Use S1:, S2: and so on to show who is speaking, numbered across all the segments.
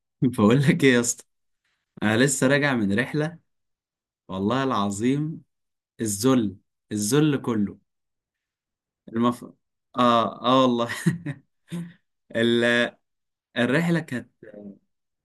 S1: بقول لك ايه يا اسطى. انا لسه راجع من رحله. والله العظيم الذل الذل كله. المف... اه والله. ال... الرحله كانت،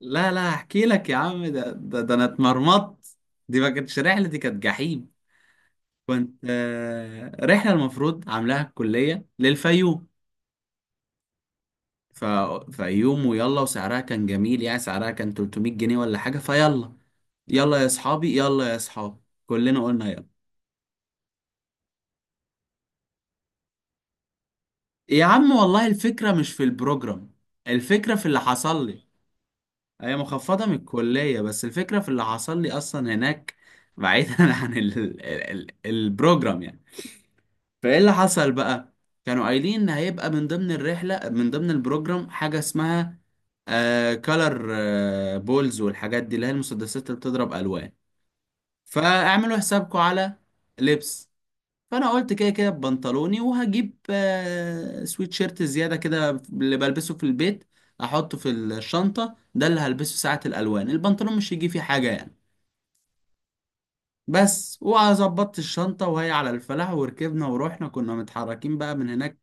S1: لا لا هحكي لك يا عم، ده انا اتمرمطت. دي ما كانتش رحله، دي كانت جحيم. كنت رحله المفروض عاملاها الكليه للفيوم. ف... فيوم ويلا، وسعرها كان جميل، يعني سعرها كان 300 جنيه ولا حاجه، فيلا يلا يا اصحابي، يلا يا اصحابي. كلنا قلنا يلا. يا عم والله الفكرة مش في البروجرام، الفكرة في اللي حصل لي. هي مخفضة من الكلية، بس الفكرة في اللي حصل لي أصلا هناك. بعيدا عن ال ال ال البروجرام يعني. فإيه اللي حصل بقى؟ كانوا قايلين إن هيبقى من ضمن الرحلة، من ضمن البروجرام، حاجة اسمها كالر بولز، والحاجات دي اللي هي المسدسات اللي بتضرب ألوان، فاعملوا حسابكم على لبس. فانا قلت كده كده ببنطلوني، وهجيب سويت شيرت زياده كده اللي بلبسه في البيت، احطه في الشنطه، ده اللي هلبسه ساعه الالوان، البنطلون مش هيجي فيه حاجه يعني. بس وظبطت الشنطه وهي على الفلاح، وركبنا ورحنا، كنا متحركين بقى من هناك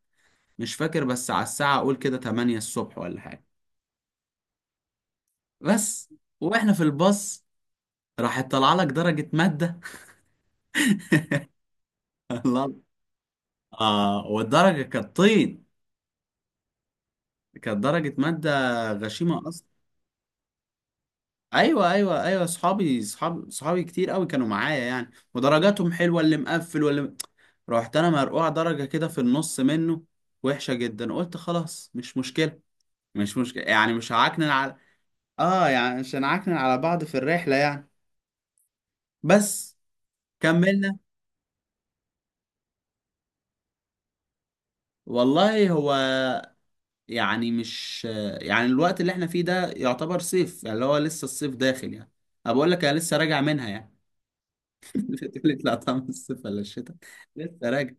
S1: مش فاكر، بس على الساعه اقول كده 8 الصبح ولا حاجه. بس واحنا في الباص راحت طالعه لك درجه ماده. الله. اه والدرجه كانت طين. كانت درجه ماده غشيمه. ايوه ايوه ايوه، صحابي، صحابي كتير قوي كانوا معايا يعني، ودرجاتهم حلوه، اللي مقفل واللي رحت انا مرقوع درجه كده في النص منه، وحشه جدا. قلت خلاص مش مشكله، مش مشكله يعني، مش هعكنن على، اه يعني مش هنعكنن على بعض في الرحله يعني. بس كملنا. والله هو يعني مش، يعني الوقت اللي احنا فيه ده يعتبر صيف يعني، اللي هو لسه الصيف داخل يعني. أنا بقول لك انا لسه راجع منها يعني. تقول لي لا طعم الصيف ولا الشتاء. لسه راجع.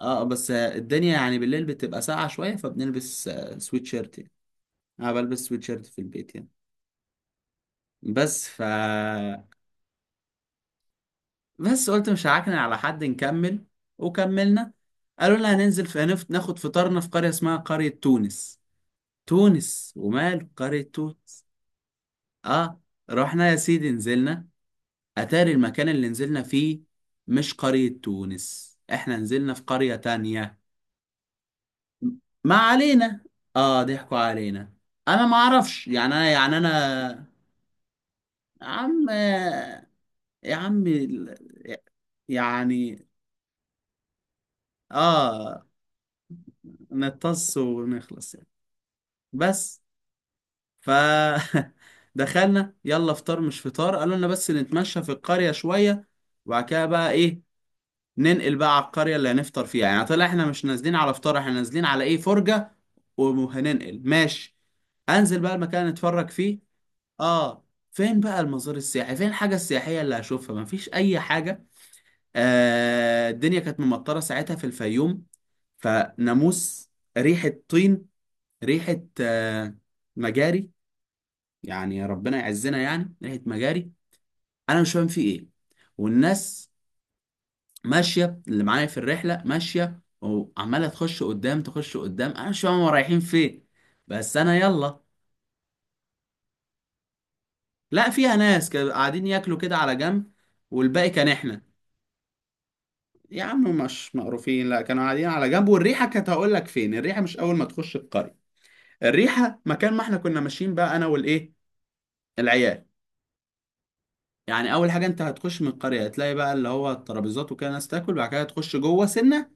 S1: اه بس الدنيا يعني بالليل بتبقى ساقعة شوية، فبنلبس سويت شيرت يعني. انا بلبس سويت شيرت في البيت يعني. بس ف بس قلت مش هعكن على حد، نكمل. وكملنا. قالوا لنا هننزل في هنفت، ناخد فطارنا في قرية اسمها قرية تونس. تونس ومال قرية تونس؟ اه. رحنا يا سيدي، نزلنا. اتاري المكان اللي نزلنا فيه مش قرية تونس، احنا نزلنا في قرية تانية. ما علينا. اه ضحكوا علينا. انا ما اعرفش يعني، انا يعني انا، يا عم، يا عم ال- يعني، اه، نتص ونخلص يعني. بس ف دخلنا، يلا فطار مش فطار، قالوا لنا بس نتمشى في القرية شوية، وبعد كده بقى ايه، ننقل بقى على القرية اللي هنفطر فيها، يعني طلع احنا مش نازلين على فطار، احنا نازلين على ايه، فرجة. وهننقل ماشي، انزل بقى المكان اللي نتفرج فيه. اه. فين بقى المزار السياحي؟ فين الحاجة السياحية اللي هشوفها؟ مفيش أي حاجة. آه الدنيا كانت ممطرة ساعتها في الفيوم، فناموس، ريحة طين، ريحة مجاري، يعني ربنا يعزنا يعني ريحة مجاري. أنا مش فاهم في إيه. والناس ماشية، اللي معايا في الرحلة ماشية وعمالة تخش قدام تخش قدام، أنا مش فاهم هما رايحين فين، بس أنا يلا. لا فيها ناس كانوا قاعدين ياكلوا كده على جنب، والباقي كان إحنا. يا عم مش مقروفين، لا كانوا قاعدين على جنب، والريحه كانت هقول لك فين الريحه، مش اول ما تخش القريه، الريحه مكان ما احنا كنا ماشيين بقى انا والايه، العيال. يعني اول حاجه انت هتخش من القريه هتلاقي بقى اللي هو الترابيزات وكده ناس تاكل، بعد كده هتخش جوه سنه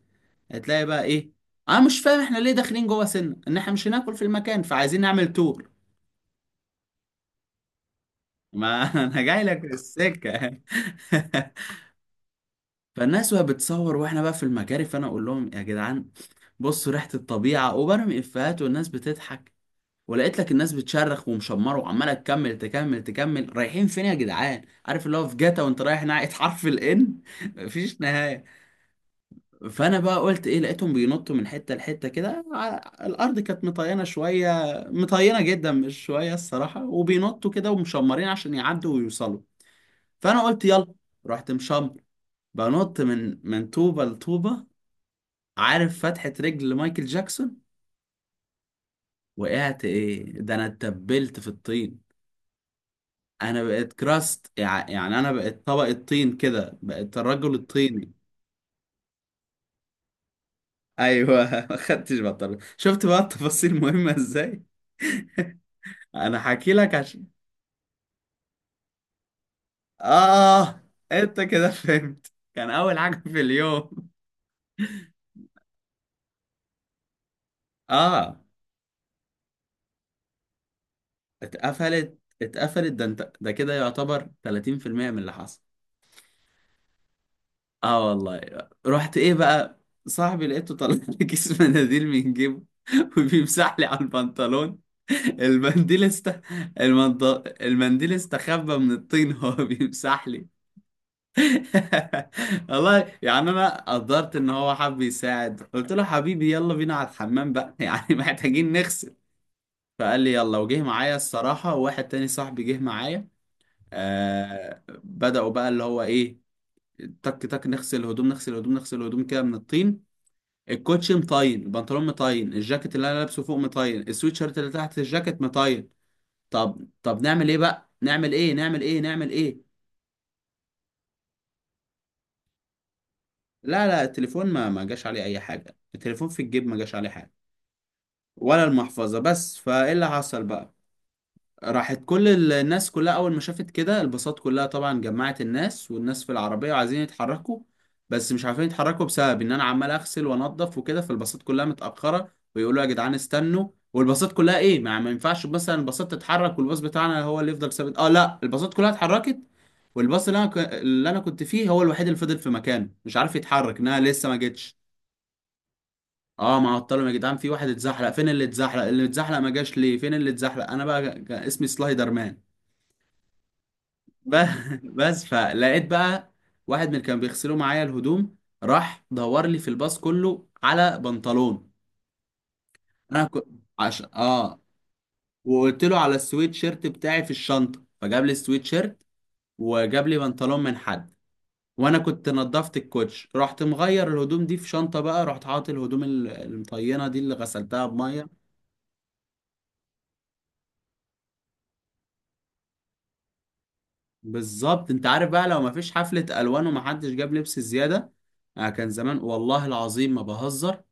S1: هتلاقي بقى ايه، انا مش فاهم احنا ليه داخلين جوه سنه، ان احنا مش هناكل في المكان، فعايزين نعمل تور. ما انا جاي لك في السكه. فالناس وهي بتصور واحنا بقى في المجاري، فانا اقول لهم يا جدعان بصوا ريحه الطبيعه، وبرمي افيهات والناس بتضحك. ولقيت لك الناس بتشرخ ومشمره وعماله تكمل تكمل تكمل. رايحين فين يا جدعان؟ عارف اللي هو في جاتا وانت رايح ناحيه حرف الان، مفيش نهايه. فانا بقى قلت ايه، لقيتهم بينطوا من حته لحته كده، الارض كانت مطينه شويه، مطينه جدا مش شويه الصراحه، وبينطوا كده ومشمرين عشان يعدوا ويوصلوا، فانا قلت يلا. رحت مشمر، بنط من طوبه لطوبه، عارف فتحه رجل مايكل جاكسون. وقعت ايه، ده انا اتبلت في الطين. انا بقيت كراست يعني انا بقيت طبق الطين كده، بقيت الرجل الطيني. ايوه ما خدتش بطل، شفت بقى التفاصيل مهمة ازاي. انا حكي لك عشان، اه، انت كده فهمت كان اول حاجة في اليوم. اه. اتقفلت اتقفلت، ده انت ده كده يعتبر 30% من اللي حصل. اه والله. رحت ايه بقى، صاحبي لقيته طلع لي كيس مناديل من جيبه وبيمسح لي على البنطلون. المنديل است المنط... المنديل استخبى من الطين، هو بيمسح لي. والله يعني انا قدرت ان هو حب يساعد، قلت له حبيبي يلا بينا على الحمام بقى يعني محتاجين نغسل. فقال لي يلا، وجه معايا الصراحة، وواحد تاني صاحبي جه معايا. آه بدأوا بقى اللي هو ايه، تك تك، نغسل الهدوم نغسل الهدوم نغسل الهدوم كده من الطين. الكوتشي مطين، البنطلون مطين، الجاكيت اللي انا لابسه فوق مطين، السويت شيرت اللي تحت الجاكيت مطين. طب طب نعمل ايه بقى، نعمل ايه، نعمل ايه، نعمل ايه؟ لا لا التليفون ما جاش عليه اي حاجه، التليفون في الجيب ما جاش عليه حاجه. ولا المحفظه. بس فايه اللي حصل بقى، راحت كل الناس كلها اول ما شافت كده، الباصات كلها طبعا جمعت الناس، والناس في العربيه وعايزين يتحركوا، بس مش عارفين يتحركوا بسبب ان انا عمال اغسل وانضف وكده، فالباصات كلها متاخره ويقولوا يا جدعان استنوا. والباصات كلها ايه، ما ينفعش مثلا الباصات تتحرك والباص بتاعنا هو اللي يفضل ثابت، اه لا الباصات كلها اتحركت، والباص اللي انا اللي انا كنت فيه هو الوحيد اللي فضل في مكانه مش عارف يتحرك، انها لسه ما جتش. اه معطلهم يا جدعان. في واحد اتزحلق، فين اللي اتزحلق؟ اللي اتزحلق ما جاش ليه، فين اللي اتزحلق، انا بقى اسمي سلايدر مان. ب- بس فلقيت بقى واحد من اللي كان بيغسلوا معايا الهدوم راح دور لي في الباص كله على بنطلون. انا كنت اه، وقلت له على السويت شيرت بتاعي في الشنطه، فجاب لي السويت شيرت وجاب لي بنطلون من حد. وانا كنت نضفت الكوتش، رحت مغير الهدوم دي في شنطه بقى، رحت حاطط الهدوم المطينه دي اللي غسلتها بميه. بالظبط. انت عارف بقى لو ما فيش حفله الوان ومحدش جاب لبس زياده، آه كان زمان والله العظيم ما بهزر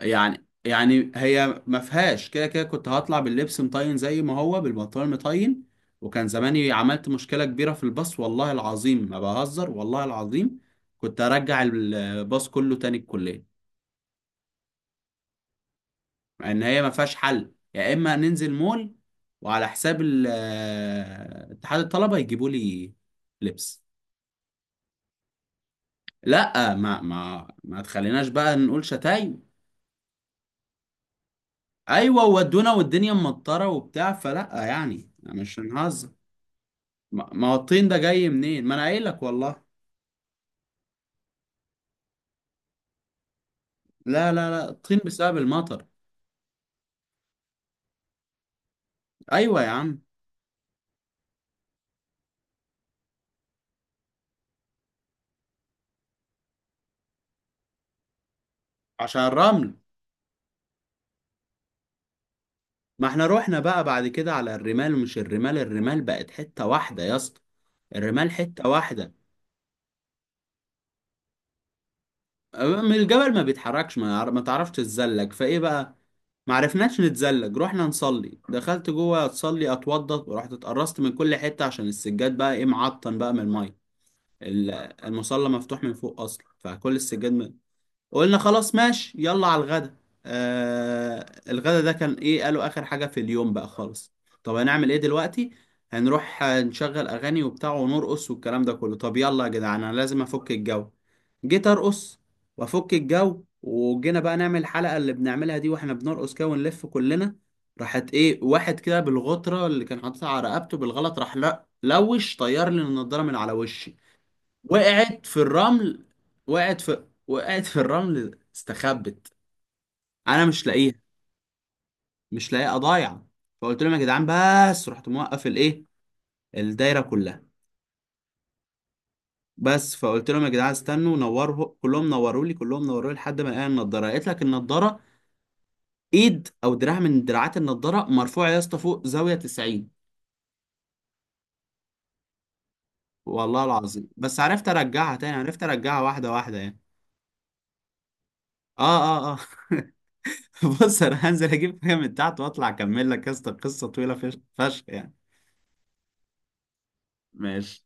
S1: يعني، يعني هي ما فيهاش كده كده كنت هطلع باللبس مطين زي ما هو، بالبنطلون مطين. وكان زماني عملت مشكلة كبيرة في الباص، والله العظيم ما بهزر، والله العظيم كنت ارجع الباص كله تاني الكلية. مع ان هي ما فيهاش حل، يا اما ننزل مول وعلى حساب اتحاد الطلبة يجيبوا لي لبس. لا ما تخليناش بقى نقول شتايم. ايوه ودونا والدنيا مطرة وبتاع فلا، يعني مش هنهزر. ما هو الطين ده جاي منين، ما انا قايل لك والله. لا لا لا الطين بسبب المطر. ايوه يا عم. عشان الرمل. ما احنا رحنا بقى بعد كده على الرمال، مش الرمال، الرمال بقت حتة واحدة يا اسطى. الرمال حتة واحدة من الجبل ما بيتحركش، ما تعرفش تتزلج، فايه بقى. ما عرفناش نتزلج. رحنا نصلي، دخلت جوه اتصلي اتوضى، ورحت اتقرصت من كل حتة عشان السجاد بقى ايه، معطن بقى من المية. ال- المصلى مفتوح من فوق اصلا، فكل السجاد. قلنا خلاص ماشي يلا على الغدا. آه الغدا ده كان ايه، قالوا اخر حاجة في اليوم بقى خالص. طب هنعمل ايه دلوقتي، هنروح نشغل اغاني وبتاع ونرقص والكلام ده كله. طب يلا يا جدعان انا لازم افك الجو. جيت ارقص وافك الجو، وجينا بقى نعمل الحلقة اللي بنعملها دي واحنا بنرقص كده ونلف كلنا، راحت ايه واحد كده بالغطرة اللي كان حاططها على رقبته بالغلط، راح لا لوش، طير لي النضارة من على وشي. وقعت في الرمل. وقعت في الرمل، استخبت، انا مش لاقيها. مش لاقيها، ضايعه. فقلت لهم يا جدعان، بس رحت موقف الايه، الدايره كلها، بس فقلت لهم يا جدعان استنوا نوروا كلهم، نوروا لي كلهم نوروا لي لحد ما الاقي النضاره. لقيت لك النضاره، ايد او دراع من دراعات النضاره مرفوعه يا اسطى فوق، زاويه 90. والله العظيم، بس عرفت ارجعها تاني، عرفت ارجعها واحده واحده يعني. اه اه اه. بص انا هنزل اجيب حاجه من تحت واطلع اكمل لك، يا اسطى قصه طويله فشخ يعني. ماشي.